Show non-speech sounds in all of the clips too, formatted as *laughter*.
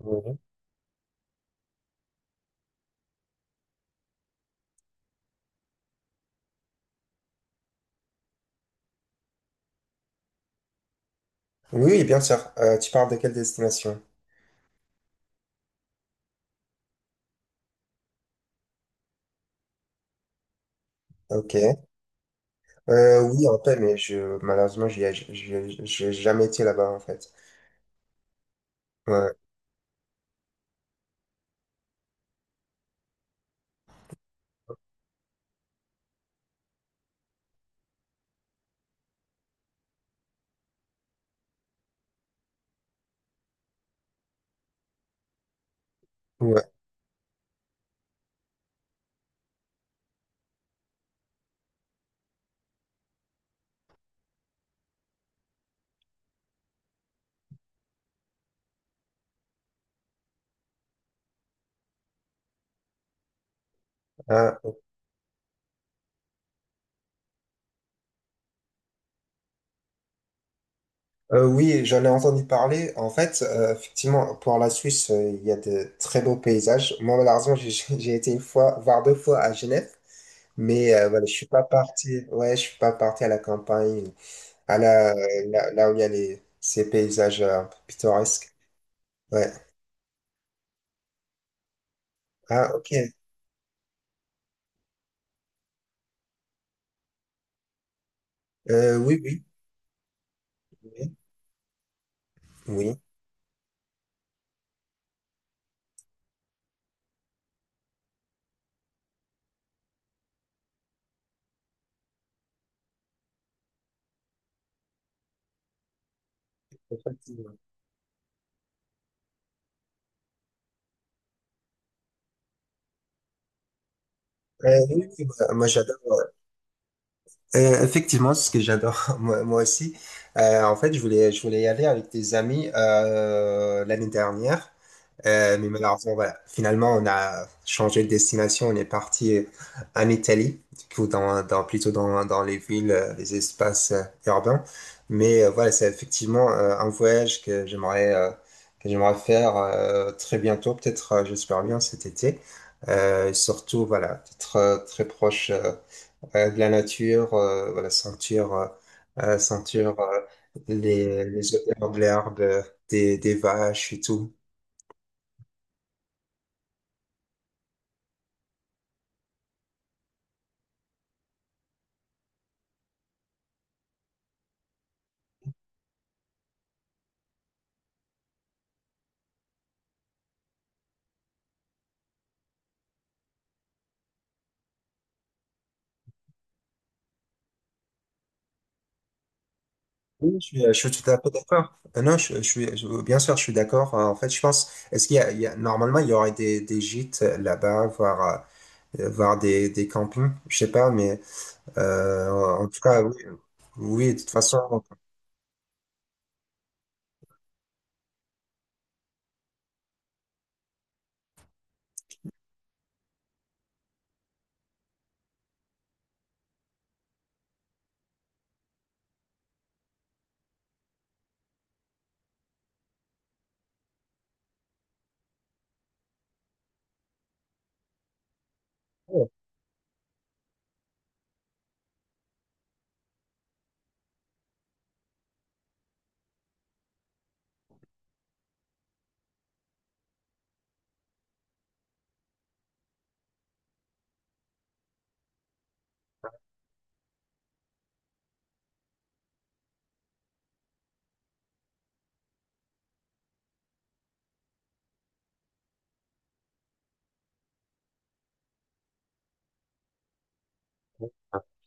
Oui, oui, oui, bien sûr. Tu parles de quelle destination? Ok. Oui, en fait, mais je, malheureusement, j'y ai, j'y j'ai jamais été là-bas, en fait. Ouais. Ouais. Ah, oui, j'en ai entendu parler. En fait, effectivement, pour la Suisse, il y a de très beaux paysages. Moi, malheureusement, j'ai *laughs* j'ai été une fois, voire deux fois à Genève. Mais voilà, je suis pas parti à la campagne, là où il y a ces paysages pittoresques. Ouais. Ah, ok. Euh, oui, oui, oui, oui. Effectivement. Oui, oui, moi, j'adore. Effectivement, c'est ce que j'adore, *laughs* moi, moi aussi. En fait, je voulais y aller avec des amis l'année dernière. Mais malheureusement, voilà. Finalement, on a changé de destination. On est parti en Italie, du coup, plutôt dans les villes, les espaces urbains. Mais voilà, c'est effectivement un voyage que j'aimerais faire très bientôt, peut-être, j'espère bien, cet été. Et surtout, voilà, être très proche de la nature, voilà, sentir les odeurs de l'herbe, des vaches et tout. Oui, je suis tout à fait d'accord. Non, bien sûr, je suis d'accord. En fait, je pense, est-ce qu'il y a, il y a- normalement, il y aurait des gîtes là-bas, voire, voire des campings, je sais pas, mais euh, en tout cas, oui, oui, de toute façon, oh,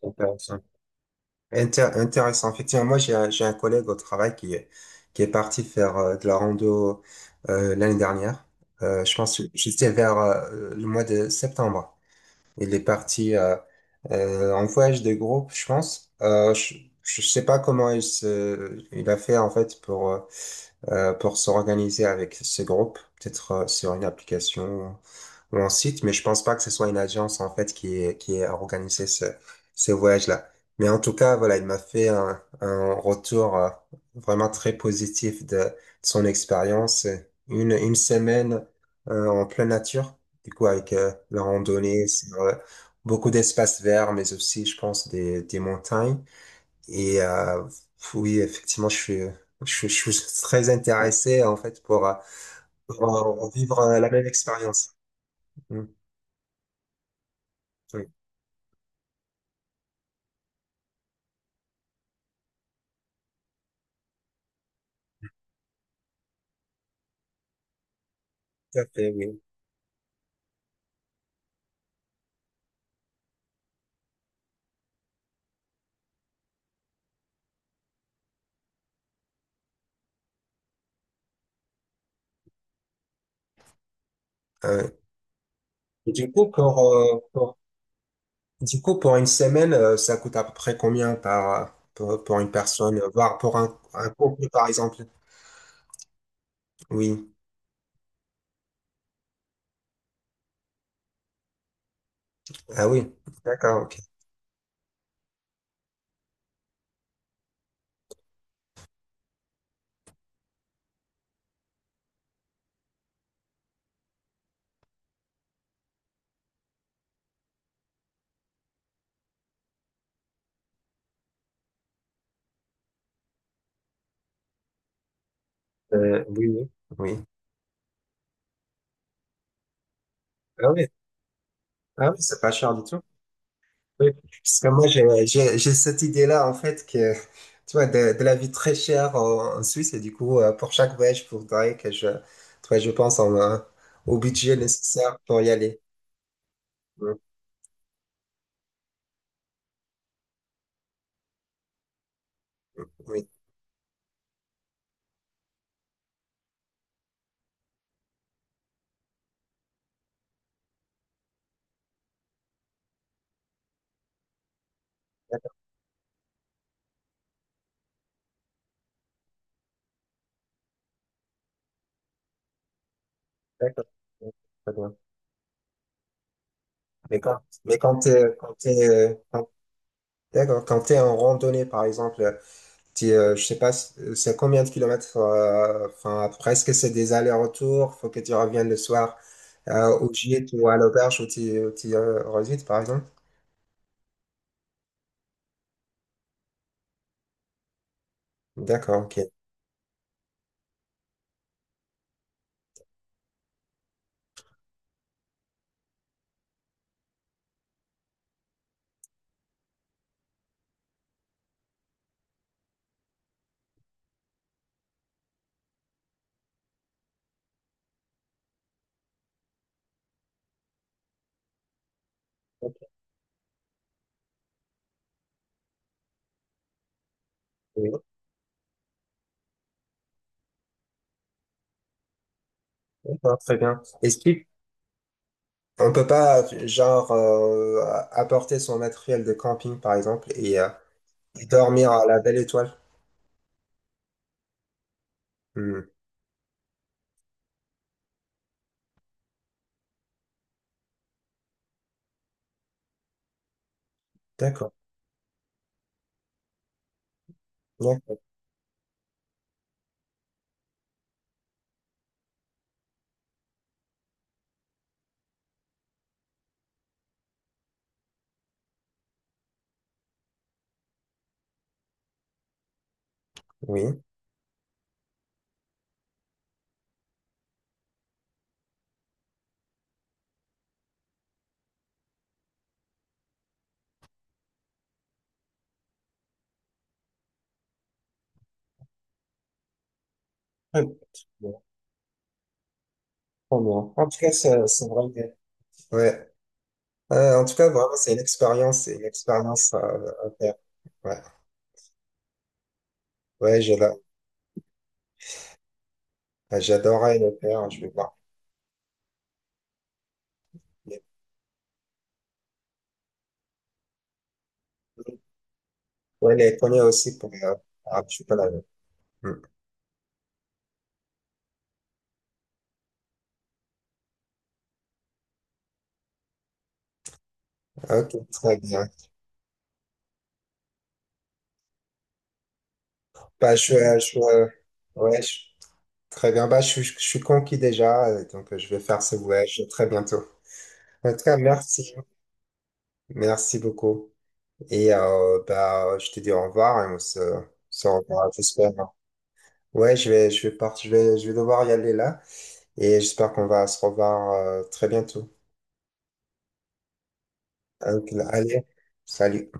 intéressant. Intéressant. Effectivement, moi, j'ai un collègue au travail qui est parti faire de la rando l'année dernière. Je pense, que j'étais vers le mois de septembre. Il est parti en voyage de groupe, je pense. Je sais pas comment il a fait en fait pour s'organiser avec ce groupe, peut-être sur une application un site, mais je pense pas que ce soit une agence en fait qui a organisé ce voyage-là. Mais en tout cas, voilà, il m'a fait un retour vraiment très positif de son expérience. Une semaine en pleine nature, du coup avec la randonnée sur beaucoup d'espaces verts, mais aussi, je pense, des montagnes. Et oui, effectivement, je suis très intéressé en fait vivre la même expérience. Mm. Oui. Tout à fait, oui. Euh, et du coup, du coup, pour une semaine, ça coûte à peu près combien pour une personne, voire pour un couple, par exemple? Oui. Ah oui, d'accord, ok. Euh, oui, oui, oui. Ah oui, ah oui, c'est pas cher du tout. Oui. Parce que moi, j'ai cette idée-là, en fait, que, tu vois, de la vie très chère en Suisse, et du coup, pour chaque voyage, il faudrait que je, tu vois, au budget nécessaire pour y aller. Oui, oui. D'accord, d'accord. Très bien. Mais quand, Quand t'es, d'accord, quand t'es en randonnée, par exemple, t'es, je sais pas, c'est combien de kilomètres, enfin, presque c'est des allers-retours, faut que tu reviennes le soir, au gîte ou à l'auberge où tu, résides, par exemple? D'accord, ok. Oui, d'accord, très bien. Est-ce qu'on peut pas, genre, apporter son matériel de camping, par exemple, et dormir à la belle étoile? Hmm. D'accord. Bien. Oui. Très bien. Trop bien. En tout cas, c'est vrai. Que- Ouais. En tout cas, vraiment, c'est une expérience à faire. Ouais, ouais, j'adorerais le faire. Je vais voir. Ouais, les connais aussi pour. Ah, je suis pas là. Hmm. Ok, très bien. Bah, je, suis, ouais, je- Très bien. Bah, je suis conquis déjà, donc je vais faire ce voyage très bientôt. En tout cas, merci, merci beaucoup. Et bah, je te dis au revoir se revoit, j'espère. Ouais, je vais partir, je vais devoir y aller là et j'espère qu'on va se revoir très bientôt. Donc, allez, salut.